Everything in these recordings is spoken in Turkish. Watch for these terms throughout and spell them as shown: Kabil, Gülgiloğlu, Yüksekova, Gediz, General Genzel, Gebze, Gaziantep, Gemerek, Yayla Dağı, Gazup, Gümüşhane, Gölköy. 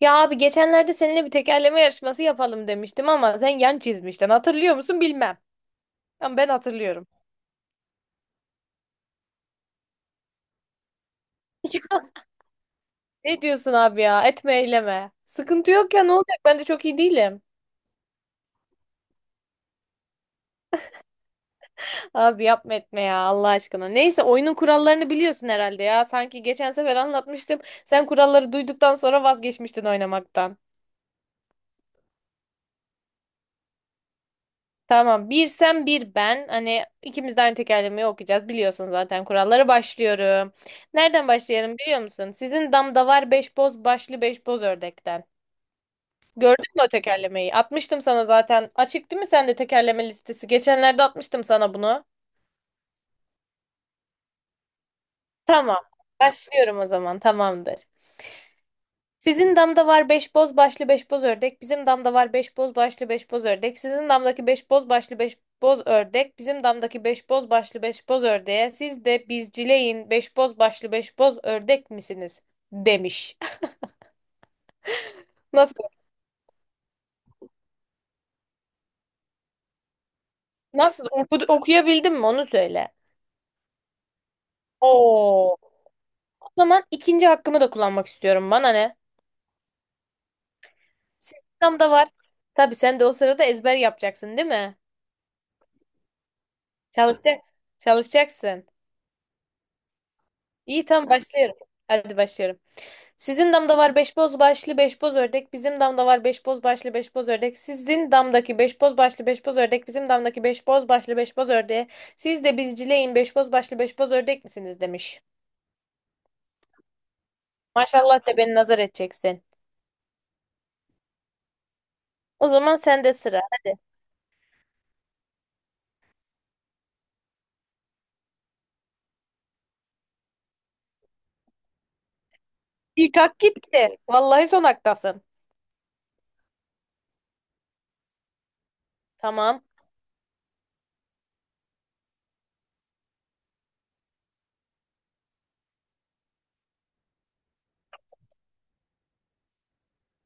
Ya abi geçenlerde seninle bir tekerleme yarışması yapalım demiştim ama sen yan çizmiştin. Hatırlıyor musun bilmem. Ama ben hatırlıyorum. Ne diyorsun abi ya? Etme eyleme. Sıkıntı yok ya ne olacak? Ben de çok iyi değilim. Abi yapma etme ya Allah aşkına. Neyse oyunun kurallarını biliyorsun herhalde ya. Sanki geçen sefer anlatmıştım. Sen kuralları duyduktan sonra vazgeçmiştin oynamaktan. Tamam. Bir sen bir ben. Hani ikimiz de aynı tekerlemeyi okuyacağız. Biliyorsun zaten kuralları. Başlıyorum. Nereden başlayalım biliyor musun? Sizin damda var beş boz başlı beş boz ördekten. Gördün mü o tekerlemeyi? Atmıştım sana zaten. Açık değil mi sende tekerleme listesi? Geçenlerde atmıştım sana bunu. Tamam. Başlıyorum o zaman. Tamamdır. Sizin damda var beş boz başlı beş boz ördek. Bizim damda var beş boz başlı beş boz ördek. Sizin damdaki beş boz başlı beş boz ördek. Bizim damdaki beş boz başlı beş boz ördeğe. Siz de bizcileyin beş boz başlı beş boz ördek misiniz? Demiş. Nasıl? Nasıl? Okuyabildim mi? Onu söyle. Oo. O zaman ikinci hakkımı da kullanmak istiyorum. Bana ne? Sizin damda var. Tabii sen de o sırada ezber yapacaksın, değil mi? Çalışacaksın. Çalışacaksın. İyi tamam başlıyorum. Hadi başlıyorum. Sizin damda var beş boz başlı beş boz ördek. Bizim damda var beş boz başlı beş boz ördek. Sizin damdaki beş boz başlı beş boz ördek. Bizim damdaki beş boz başlı beş boz ördeğe. Siz de bizcileyin beş boz başlı beş boz ördek misiniz demiş. Maşallah de beni nazar edeceksin. O zaman sende sıra. Hadi. İlk hak gitti. Vallahi son haktasın. Tamam.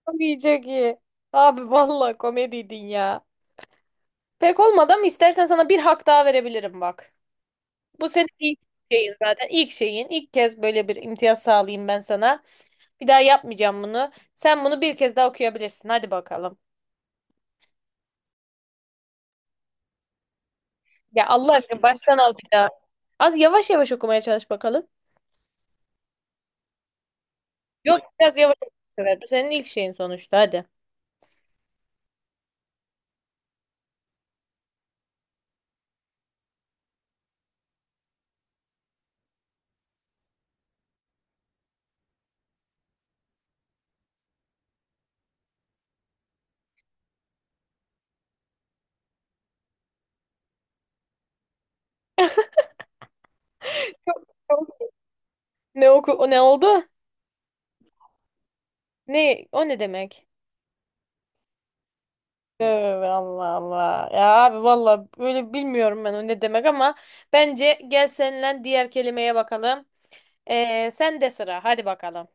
Çok iyi çok iyi. Abi vallahi komediydin ya. Pek olmadı ama istersen sana bir hak daha verebilirim bak. Bu senin ilk şeyin zaten. İlk şeyin. İlk kez böyle bir imtiyaz sağlayayım ben sana. Bir daha yapmayacağım bunu. Sen bunu bir kez daha okuyabilirsin. Hadi bakalım. Ya Allah aşkına baştan al bir daha. Az yavaş yavaş okumaya çalış bakalım. Yok biraz yavaş oku bu sefer. Bu senin ilk şeyin sonuçta. Hadi. Ne oku o ne oldu? Ne o ne demek? Evet, Allah Allah. Ya abi valla böyle bilmiyorum ben o ne demek ama bence gel seninle diğer kelimeye bakalım. Sen de sıra hadi bakalım.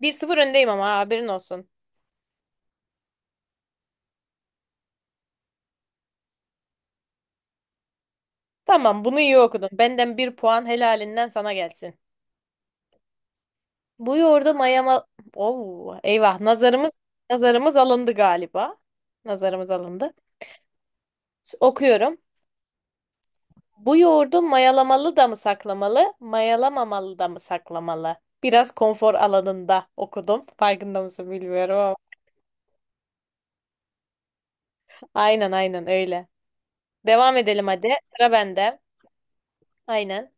1-0 öndeyim ama haberin olsun. Tamam bunu iyi okudun. Benden bir puan helalinden sana gelsin. Bu yoğurdu mayama... Oo, eyvah nazarımız nazarımız alındı galiba. Nazarımız alındı. Okuyorum. Bu yoğurdu mayalamalı da mı saklamalı, mayalamamalı da mı saklamalı? Biraz konfor alanında okudum. Farkında mısın bilmiyorum ama. Aynen aynen öyle. Devam edelim hadi. Sıra bende. Aynen.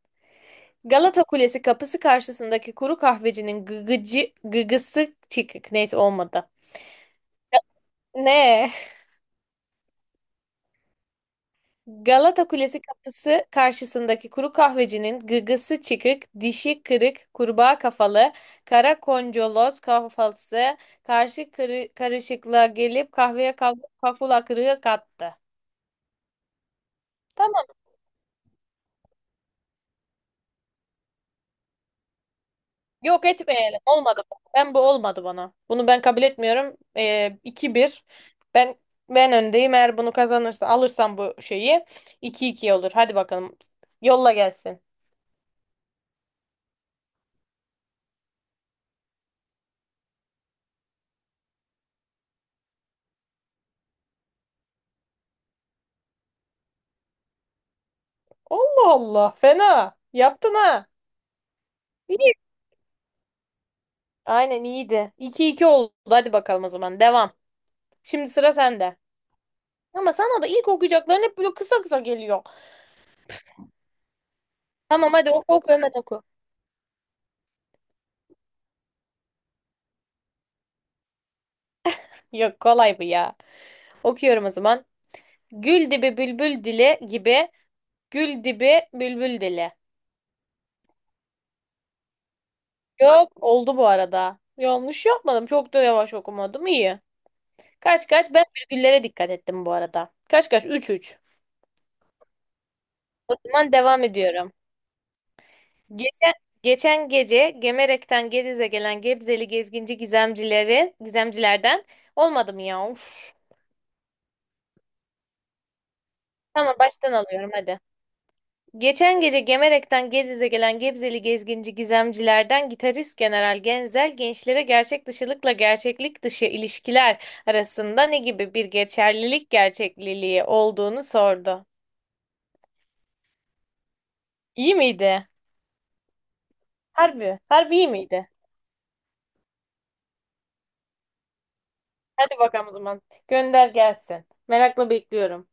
Galata Kulesi kapısı karşısındaki kuru kahvecinin gıgıcı, gıgısı çıkık. Neyse olmadı. Ne? Galata Kulesi kapısı karşısındaki kuru kahvecinin gıgısı çıkık, dişi kırık, kurbağa kafalı, kara koncoloz kafası karşı karışıklığa gelip kahveye kafula kırığı kattı. Tamam, yok etmeyelim. Olmadı bu. Ben bu olmadı bana. Bunu ben kabul etmiyorum. 2-1. Ben ben öndeyim. Eğer bunu kazanırsa alırsam bu şeyi 2-2 olur. Hadi bakalım. Yolla gelsin. Allah Allah. Fena. Yaptın ha. Aynen iyiydi. 2 iki oldu. Hadi bakalım o zaman. Devam. Şimdi sıra sende. Ama sana da ilk okuyacakların hep böyle kısa kısa geliyor. Tamam hadi oku oku hemen oku. Yok kolay bu ya. Okuyorum o zaman. Gül dibi bülbül dili gibi. Gül dibi bülbül dili. Yok oldu bu arada. Yanlış yapmadım. Çok da yavaş okumadım. İyi. Kaç kaç. Ben virgüllere dikkat ettim bu arada. Kaç kaç. 3-3. O zaman devam ediyorum. Geçen, geçen gece Gemerek'ten Gediz'e gelen Gebzeli gezginci gizemcilerden olmadı mı ya? Of. Tamam baştan alıyorum hadi. Geçen gece Gemerek'ten Gediz'e gelen Gebzeli gezginci gizemcilerden gitarist General Genzel gençlere gerçek dışılıkla gerçeklik dışı ilişkiler arasında ne gibi bir geçerlilik gerçekliliği olduğunu sordu. İyi miydi? Harbi, harbi iyi miydi? Hadi bakalım o zaman. Gönder gelsin. Merakla bekliyorum.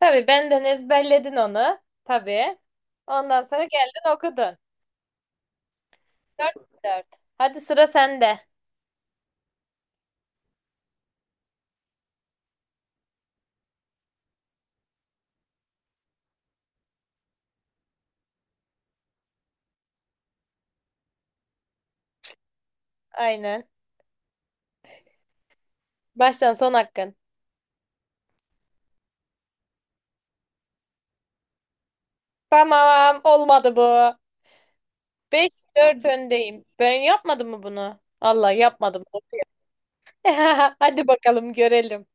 Tabii benden ezberledin onu. Tabii. Ondan sonra geldin okudun. 4-4. Hadi sıra sende. Aynen. Baştan son hakkın. Tamam olmadı bu. 5-4 öndeyim. Ben yapmadım mı bunu? Allah yapmadım. Hadi bakalım görelim.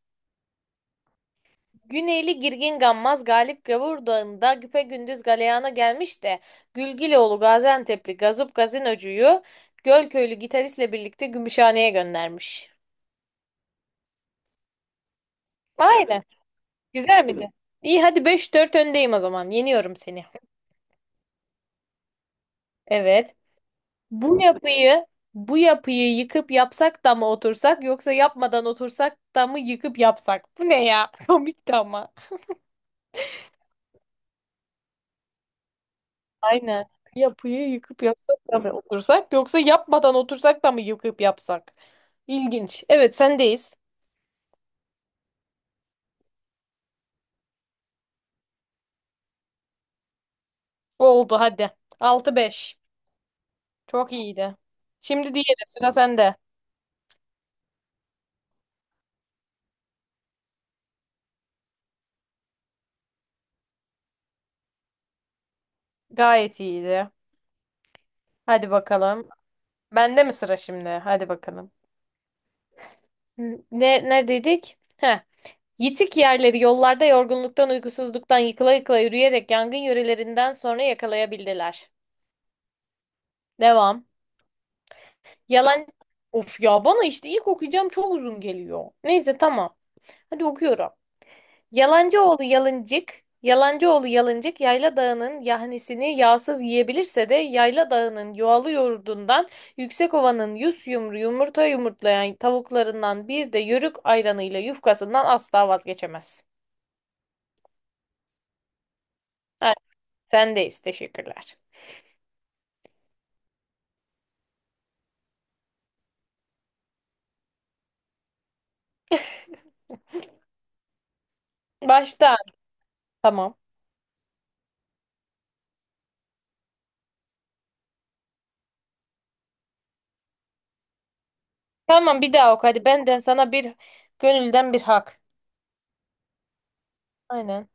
Güneyli Girgin Gammaz Galip Gavur Dağı'nda güpegündüz galeyana gelmiş de Gülgiloğlu Gaziantep'li Gazup Gazinocu'yu Gölköylü gitaristle birlikte Gümüşhane'ye göndermiş. Aynen. Güzel miydi? İyi hadi 5-4 öndeyim o zaman. Yeniyorum seni. Evet. Bu yapıyı bu yapıyı yıkıp yapsak da mı otursak yoksa yapmadan otursak da mı yıkıp yapsak? Bu ne ya? Komikti ama. Aynen. Yapıyı yıkıp yapsak da mı otursak yoksa yapmadan otursak da mı yıkıp yapsak? İlginç. Evet sendeyiz. Oldu hadi. 6-5. Çok iyiydi. Şimdi diğeri sıra sende. Gayet iyiydi. Hadi bakalım. Bende mi sıra şimdi? Hadi bakalım. Ne, Neredeydik? Heh. Yitik yerleri yollarda yorgunluktan, uykusuzluktan yıkıla yıkıla yürüyerek yangın yörelerinden sonra yakalayabildiler. Devam. Yalan... Of ya bana işte ilk okuyacağım çok uzun geliyor. Neyse tamam. Hadi okuyorum. Yalancıoğlu yalıncık, Yalancıoğlu yalıncık Yayla Dağı'nın yahnisini yağsız yiyebilirse de Yayla Dağı'nın yuvalı yoğurdundan Yüksekova'nın yüz yumru yumurta yumurtlayan tavuklarından bir de yörük ayranıyla yufkasından asla vazgeçemez. Sendeyiz. Teşekkürler. Baştan. Tamam. Tamam bir daha oku. Hadi benden sana bir gönülden bir hak. Aynen.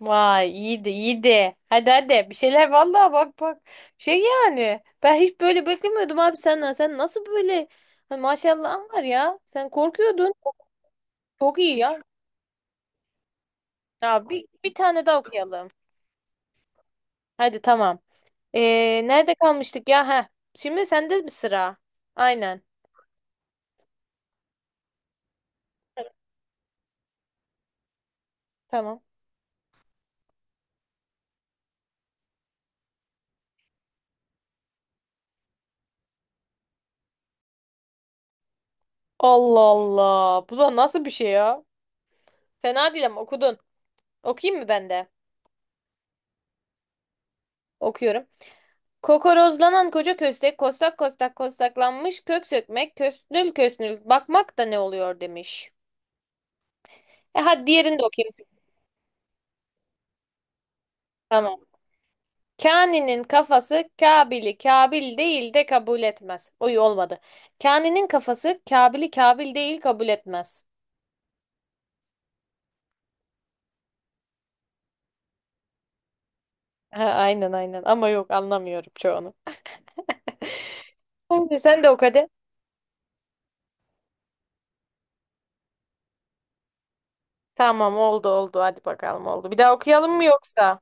Vay iyiydi iyiydi. Hadi hadi bir şeyler vallahi bak bak. Şey yani ben hiç böyle beklemiyordum abi senden. Sen nasıl böyle. Hani maşallahın var ya. Sen korkuyordun. Çok iyi ya. Ya bir tane daha okuyalım. Hadi tamam. Nerede kalmıştık ya? Heh. Şimdi sende bir sıra. Aynen. Tamam. Allah Allah. Bu da nasıl bir şey ya? Fena değil ama okudun. Okuyayım mı ben de? Okuyorum. Kokorozlanan koca köstek kostak kostak kostaklanmış kök sökmek kösnül kösnül bakmak da ne oluyor demiş. E hadi diğerini de okuyayım. Tamam. Kani'nin kafası Kabil'i Kabil değil de kabul etmez. Oy olmadı. Kani'nin kafası Kabil'i Kabil değil kabul etmez. Ha, aynen aynen ama yok anlamıyorum çoğunu. Aynen sen de oku hadi. Tamam oldu oldu hadi bakalım oldu. Bir daha okuyalım mı yoksa?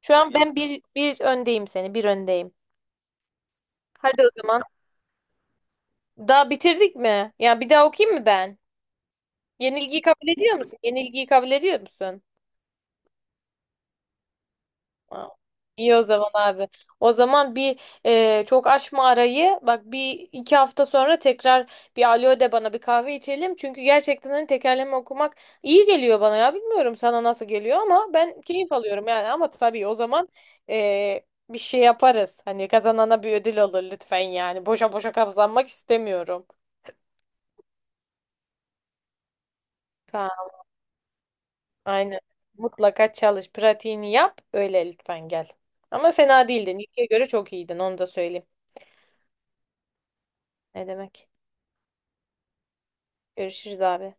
Şu an ben bir öndeyim seni. Bir öndeyim. Hadi o zaman. Daha bitirdik mi? Ya bir daha okuyayım mı ben? Yenilgiyi kabul ediyor musun? Yenilgiyi kabul ediyor musun? Aa. İyi o zaman abi. O zaman bir çok açma arayı. Bak bir iki hafta sonra tekrar bir alo de bana bir kahve içelim. Çünkü gerçekten hani tekerleme okumak iyi geliyor bana ya. Bilmiyorum sana nasıl geliyor ama ben keyif alıyorum yani. Ama tabii o zaman bir şey yaparız. Hani kazanana bir ödül olur lütfen yani. Boşa boşa kazanmak istemiyorum. Ha, aynen. Mutlaka çalış. Pratiğini yap. Öyle lütfen gel. Ama fena değildin. İlkiye göre çok iyiydin. Onu da söyleyeyim. Ne demek? Görüşürüz abi.